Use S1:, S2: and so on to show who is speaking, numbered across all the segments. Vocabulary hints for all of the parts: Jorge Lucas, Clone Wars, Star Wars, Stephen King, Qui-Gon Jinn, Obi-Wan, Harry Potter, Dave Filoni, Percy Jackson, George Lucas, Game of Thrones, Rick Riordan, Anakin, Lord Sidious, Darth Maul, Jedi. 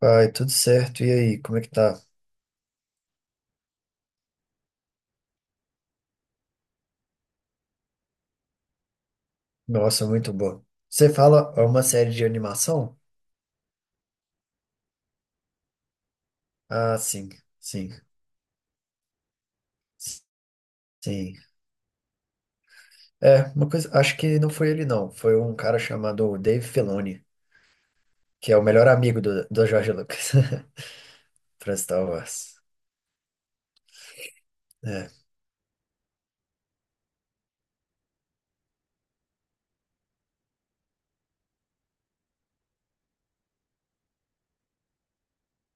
S1: Ai, tudo certo. E aí, como é que tá? Nossa, muito boa. Você fala é uma série de animação? Ah, sim, sim, sim. É, uma coisa, acho que não foi ele não, foi um cara chamado Dave Filoni, que é o melhor amigo do Jorge Lucas, pra Star Wars. É,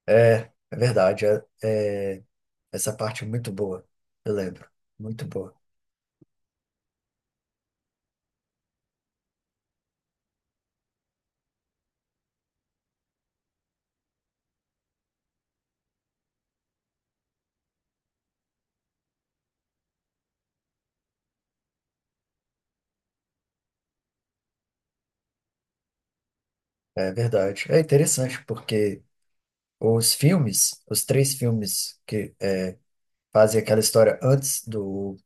S1: é verdade, essa parte é muito boa, eu lembro, muito boa. É verdade. É interessante porque os três filmes que fazem aquela história antes do.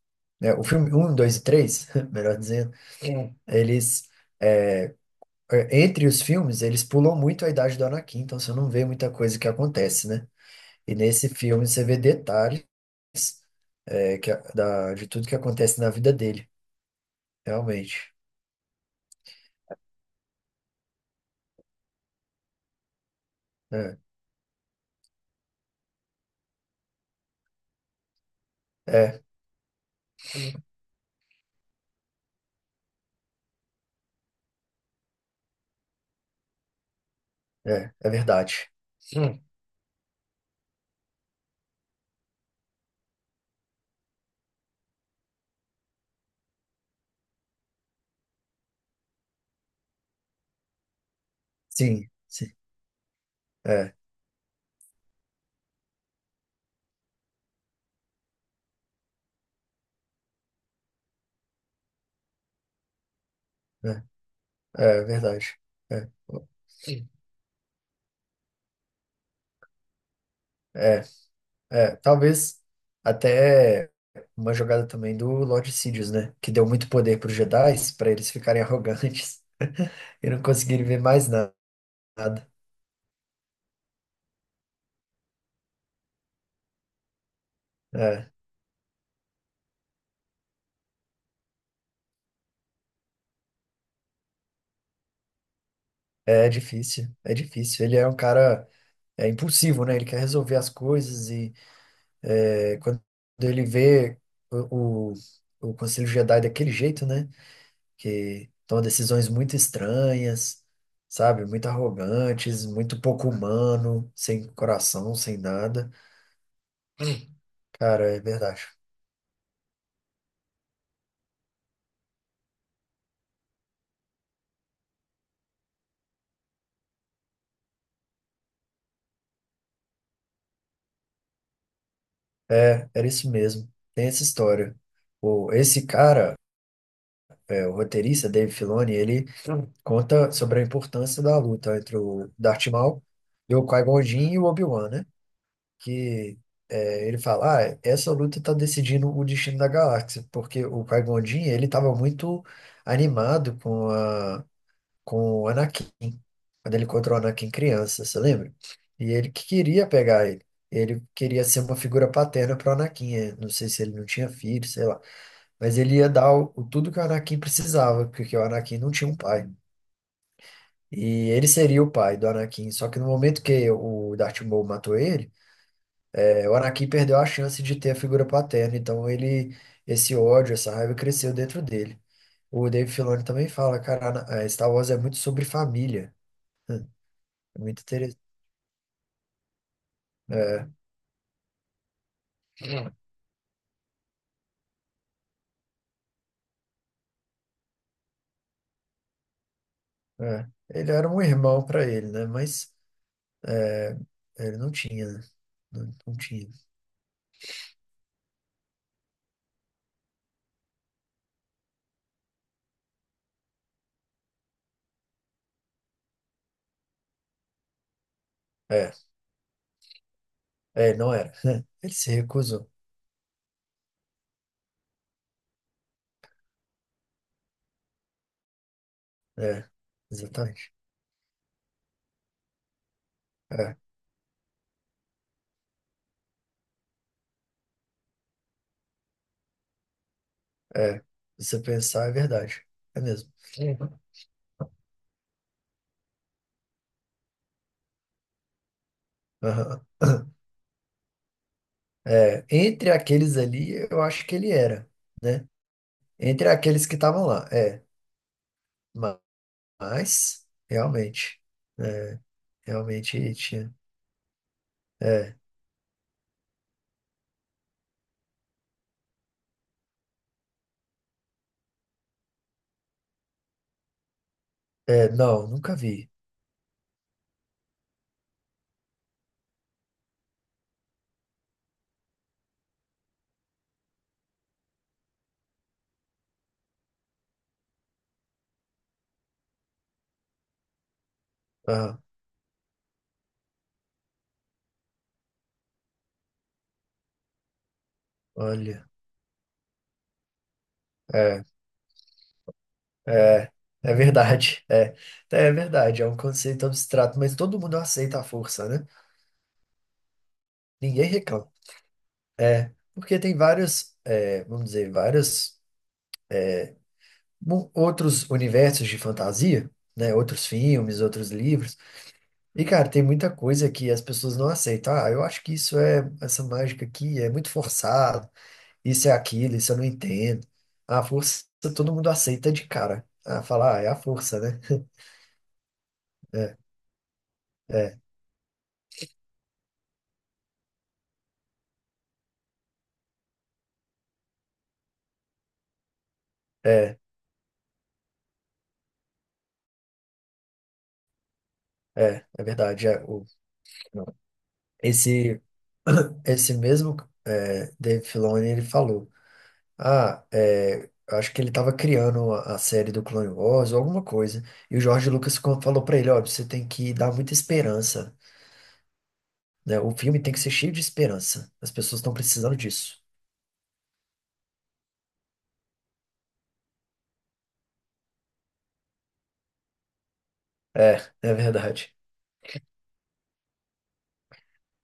S1: Né, o filme um 2 e 3 melhor dizendo, eles. é, é, entre os filmes, eles pulam muito a idade do Anakin, então você não vê muita coisa que acontece, né? E nesse filme você vê detalhes de tudo que acontece na vida dele, realmente. É, é, é verdade. Sim, sim. É, né? É verdade. É, é. É, talvez até uma jogada também do Lord Sidious, né? Que deu muito poder para os Jedi, para eles ficarem arrogantes e não conseguirem ver mais nada. É, é difícil, é difícil. Ele é um cara impulsivo, né? Ele quer resolver as coisas e quando ele vê o, o, o Conselho Jedi daquele jeito, né? Que toma decisões muito estranhas, sabe? Muito arrogantes, muito pouco humano, sem coração, sem nada. Cara, é verdade. É, era isso mesmo. Tem essa história. Esse cara, o roteirista, Dave Filoni, ele conta sobre a importância da luta entre o Darth Maul e o Qui-Gon Jinn e o Obi-Wan, né? Que ele fala, ah, essa luta está decidindo o destino da galáxia, porque o Qui-Gon Jinn, ele estava muito animado com o Anakin, quando ele encontrou o Anakin criança, você lembra? E ele que queria pegar ele. Ele queria ser uma figura paterna para o Anakin. Não sei se ele não tinha filho, sei lá. Mas ele ia dar o tudo que o Anakin precisava, porque o Anakin não tinha um pai. E ele seria o pai do Anakin. Só que no momento que o Darth Maul matou ele, o Anakin perdeu a chance de ter a figura paterna. Então esse ódio, essa raiva cresceu dentro dele. O Dave Filoni também fala, cara, a Star Wars é muito sobre família. É muito É, é. Ele era um irmão para ele, né? Mas é, ele não tinha, né? Não, não tinha. É, é, não era. Ele se recusou. É, exatamente. É, é. Se você pensar, é verdade. É mesmo. Aham. É, entre aqueles ali, eu acho que ele era, né? Entre aqueles que estavam lá, é. Ma- Mas, é, realmente tinha. É, é, não, nunca vi. Ah, olha. É. É, é verdade. É verdade. É um conceito abstrato, mas todo mundo aceita a força, né? Ninguém reclama. É, porque tem vários, vamos dizer, vários outros universos de fantasia, né? Outros filmes, outros livros. E, cara, tem muita coisa que as pessoas não aceitam. Ah, eu acho que essa mágica aqui é muito forçado. Isso é aquilo, isso eu não entendo. A força todo mundo aceita de cara. Ah, falar, ah, é a força, né? É, é, é, é verdade. É, Esse, esse mesmo Dave Filoni, ele falou, ah, eu acho que ele estava criando a série do Clone Wars ou alguma coisa, e o George Lucas falou para ele, ó, você tem que dar muita esperança, né? O filme tem que ser cheio de esperança, as pessoas estão precisando disso. É, é verdade.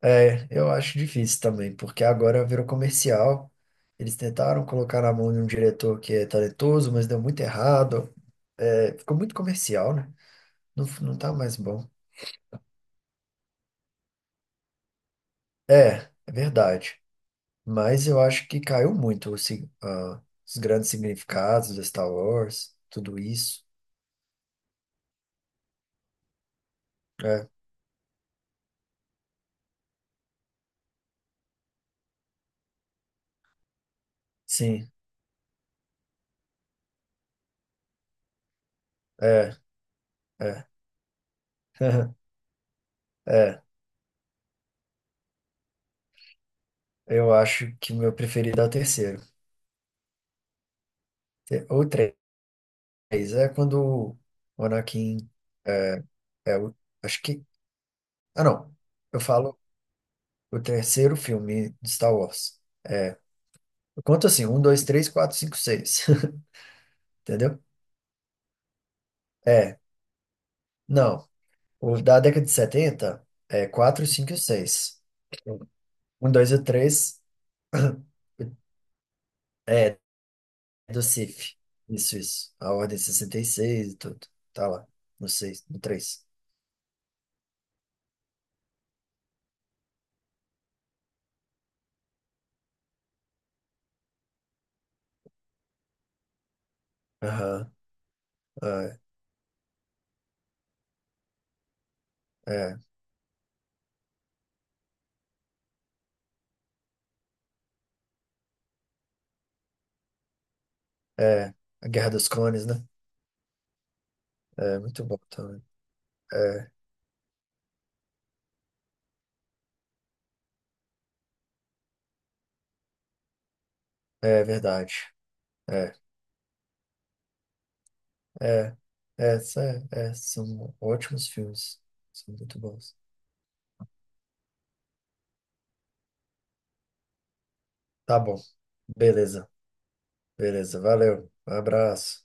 S1: É, eu acho difícil também, porque agora virou comercial, eles tentaram colocar na mão de um diretor que é talentoso, mas deu muito errado, ficou muito comercial, né? Não, não tá mais bom. É, é verdade. Mas eu acho que caiu muito o os grandes significados de Star Wars, tudo isso. É, sim, é, é. É, eu acho que o meu preferido é o terceiro. Ou três, é quando o Anakin é, é o, acho que, ah não, eu falo o terceiro filme de Star Wars. É, eu conto assim, um, dois, três, quatro, cinco, seis, entendeu? É, não. Os da década de 70, é 4, 5 e seis, um, dois e 3, é do CIF. Isso, isso. A ordem 66 e tudo. Tá lá. No 6, no três, Aham. É, é, é. A Guerra dos Clones, né? É muito bom também. É, é verdade. É, é, é, sa- é, são ótimos filmes. São muito bons. Tá bom. Beleza, beleza. Valeu. Um abraço.